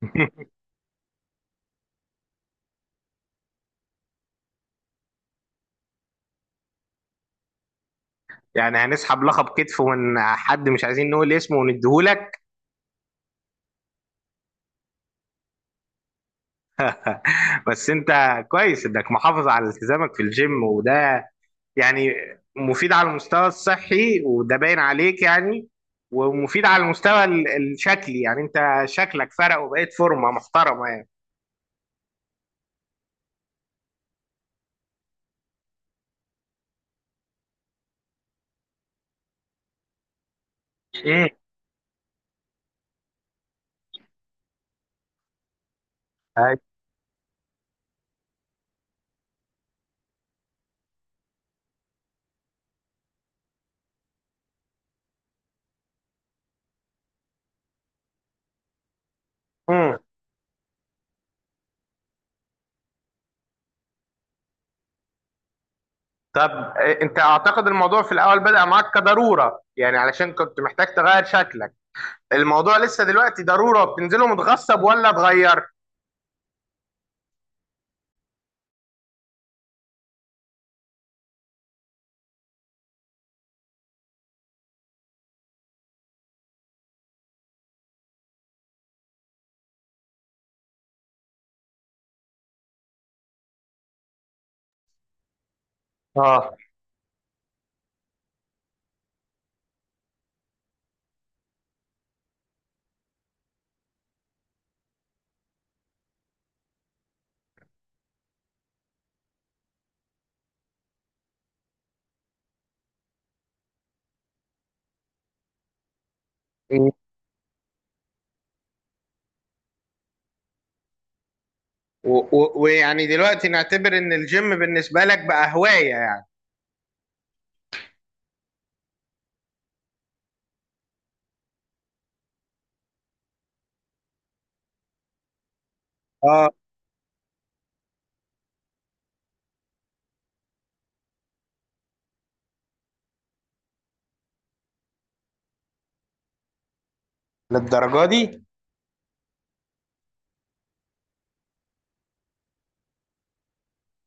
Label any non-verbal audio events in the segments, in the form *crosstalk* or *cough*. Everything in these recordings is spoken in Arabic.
*laughs* يعني هنسحب لقب كتف من حد مش عايزين نقول اسمه ونديهولك. بس انت كويس انك محافظ على التزامك في الجيم، وده يعني مفيد على المستوى الصحي، وده باين عليك يعني. ومفيد على المستوى الشكلي، يعني انت شكلك فرق وبقيت فورمة محترمة يعني. امم أيوة. امم طب اه، انت اعتقد الموضوع في الاول بدأ معاك كضرورة يعني، علشان كنت محتاج تغير شكلك. الموضوع لسه دلوقتي ضرورة بتنزله متغصب ولا اتغير؟ اه. و- و- ويعني دلوقتي نعتبر ان الجيم بالنسبة لك بقى هواية يعني. اه، للدرجة دي.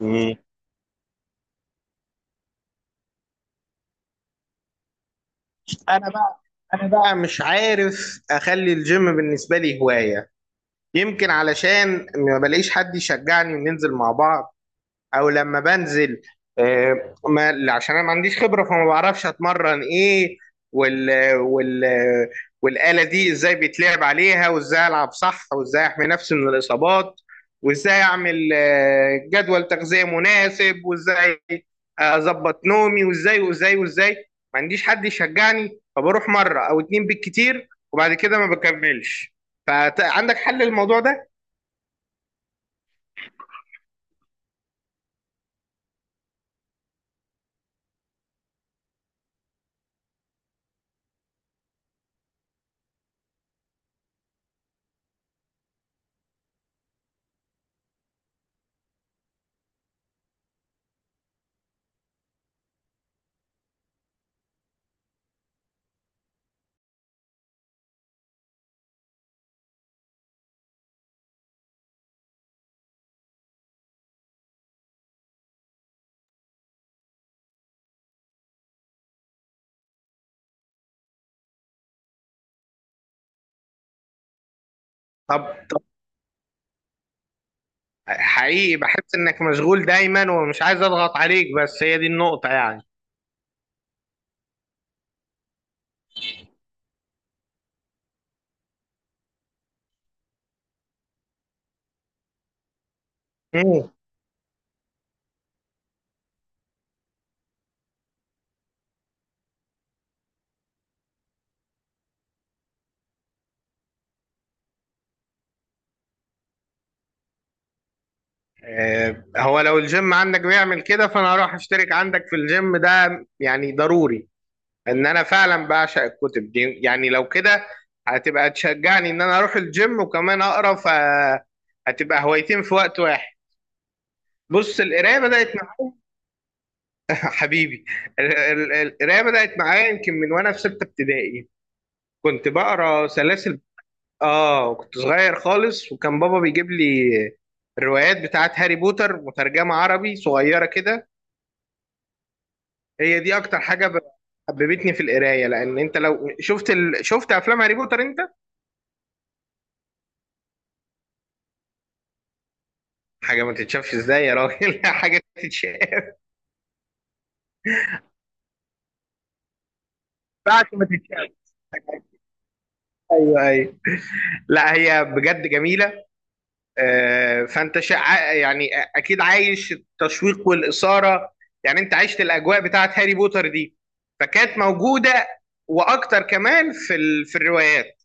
مم. انا بقى، انا بقى مش عارف اخلي الجيم بالنسبة لي هواية. يمكن علشان ما بلاقيش حد يشجعني وننزل مع بعض، او لما بنزل آه، ما عشان انا ما عنديش خبره فما بعرفش اتمرن ايه. وال وال والاله دي ازاي بيتلعب عليها، وازاي العب صح، وازاي احمي نفسي من الاصابات، وازاي اعمل آه، جدول تغذيه مناسب، وازاي اظبط نومي وازاي وازاي وازاي. ما عنديش حد يشجعني، فبروح مره او اتنين بالكتير وبعد كده ما بكملش. فعندك حل للموضوع ده؟ طب حقيقي بحس انك مشغول دايما، ومش عايز اضغط عليك، بس هي دي النقطة يعني. مم. آه، هو لو الجيم عندك بيعمل كده فانا هروح اشترك عندك في الجيم ده، يعني ضروري. ان انا فعلا بعشق الكتب دي، يعني لو كده هتبقى تشجعني ان انا اروح الجيم وكمان اقرا، فهتبقى هوايتين في وقت واحد. بص، القرايه بدات معايا. *laughs* حبيبي، القرايه بدات معايا يمكن من وانا في سته ابتدائي، كنت بقرا سلاسل. اه كنت صغير خالص، وكان بابا بيجيب لي الروايات بتاعت هاري بوتر مترجمة عربي صغيرة كده. هي دي اكتر حاجة حببتني في القراية، لان انت لو شفت شفت افلام هاري بوتر انت. حاجة ما تتشافش ازاي يا راجل! *laughs* حاجة تتشاف، بعد ما تتشاف. ايوه ايوه، لا هي بجد جميلة. آه، يعني اكيد عايش التشويق والاثاره، يعني انت عشت الاجواء بتاعت هاري بوتر دي، فكانت موجوده واكتر كمان في في الروايات.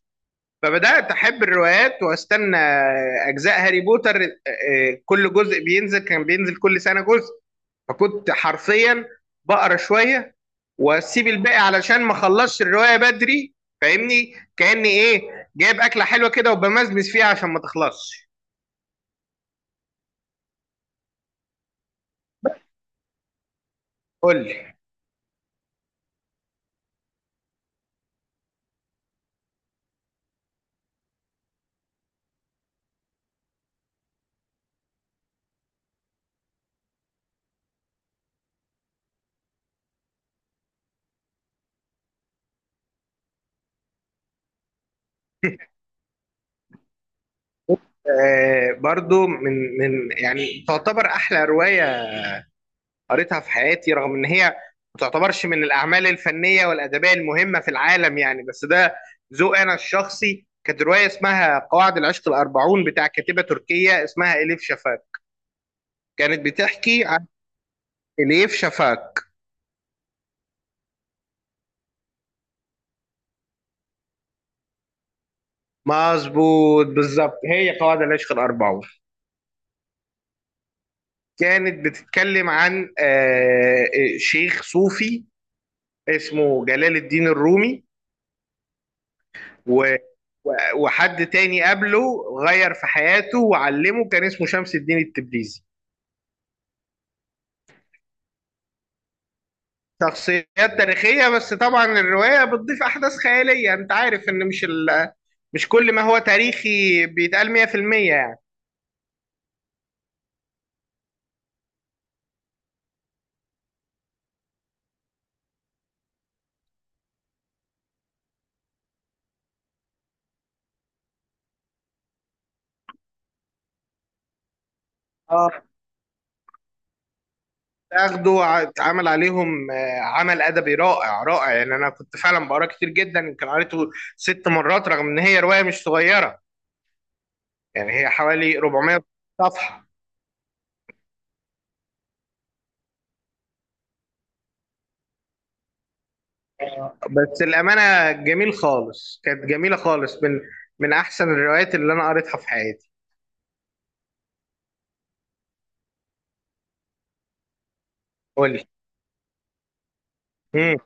فبدات احب الروايات، واستنى اجزاء هاري بوتر. كل جزء بينزل، كان بينزل كل سنه جزء. فكنت حرفيا بقرا شويه واسيب الباقي علشان ما اخلصش الروايه بدري. فاهمني؟ كاني ايه، جايب اكله حلوه كده وبمزمز فيها عشان ما تخلصش. قول لي. برضو من يعني تعتبر احلى روايه قريتها في حياتي، رغم ان هي ما تعتبرش من الاعمال الفنيه والادبيه المهمه في العالم يعني، بس ده ذوق انا الشخصي. كانت روايه اسمها قواعد العشق الاربعون، بتاع كاتبه تركيه اسمها اليف شفاك. كانت بتحكي عن اليف شفاك. مظبوط بالظبط، هي قواعد العشق الاربعون. كانت بتتكلم عن شيخ صوفي اسمه جلال الدين الرومي، و و- وحد تاني قبله غير في حياته وعلمه، كان اسمه شمس الدين التبريزي. شخصيات تاريخية، بس طبعا الرواية بتضيف أحداث خيالية. أنت عارف إن مش مش كل ما هو تاريخي بيتقال 100% يعني. اه، اخده اتعمل عليهم آه، عمل ادبي رائع رائع، يعني انا كنت فعلا بقرا كتير جدا، يمكن قريته ست مرات، رغم ان هي روايه مش صغيره، يعني هي حوالي 400 صفحه. بس الأمانة جميل خالص، كانت جميلة خالص من من أحسن الروايات اللي أنا قريتها في حياتي. قولي. مم.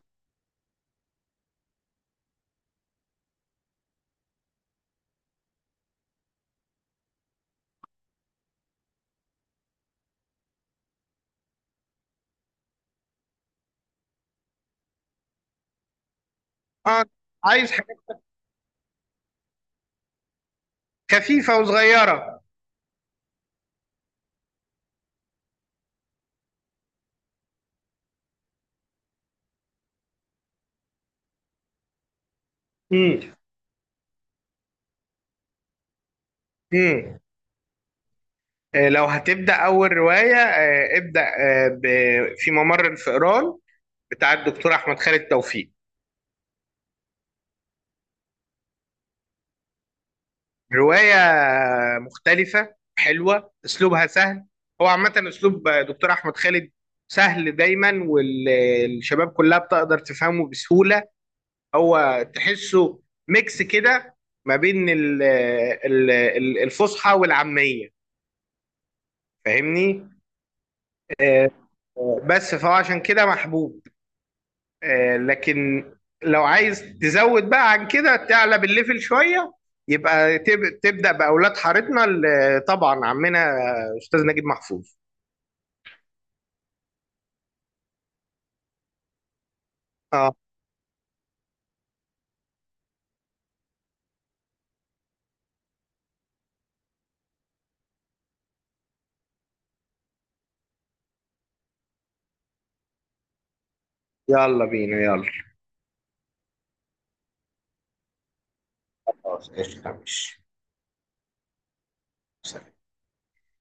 آه، عايز حاجات خفيفة وصغيرة. مم. مم. آه لو هتبدأ أول رواية، آه ابدأ في ممر الفئران، بتاع الدكتور أحمد خالد توفيق. رواية مختلفة حلوة، أسلوبها سهل. هو عامة أسلوب دكتور أحمد خالد سهل دايما، والشباب كلها بتقدر تفهمه بسهولة. هو تحسه ميكس كده ما بين الفصحى والعامية، فاهمني؟ بس فهو عشان كده محبوب، آه، لكن لو عايز تزود بقى عن كده، تعلى بالليفل شوية، يبقى تبدأ بأولاد حارتنا، طبعا عمنا أستاذ نجيب محفوظ. اه، يلا بينا يلا. خلاص قشطة ماشي.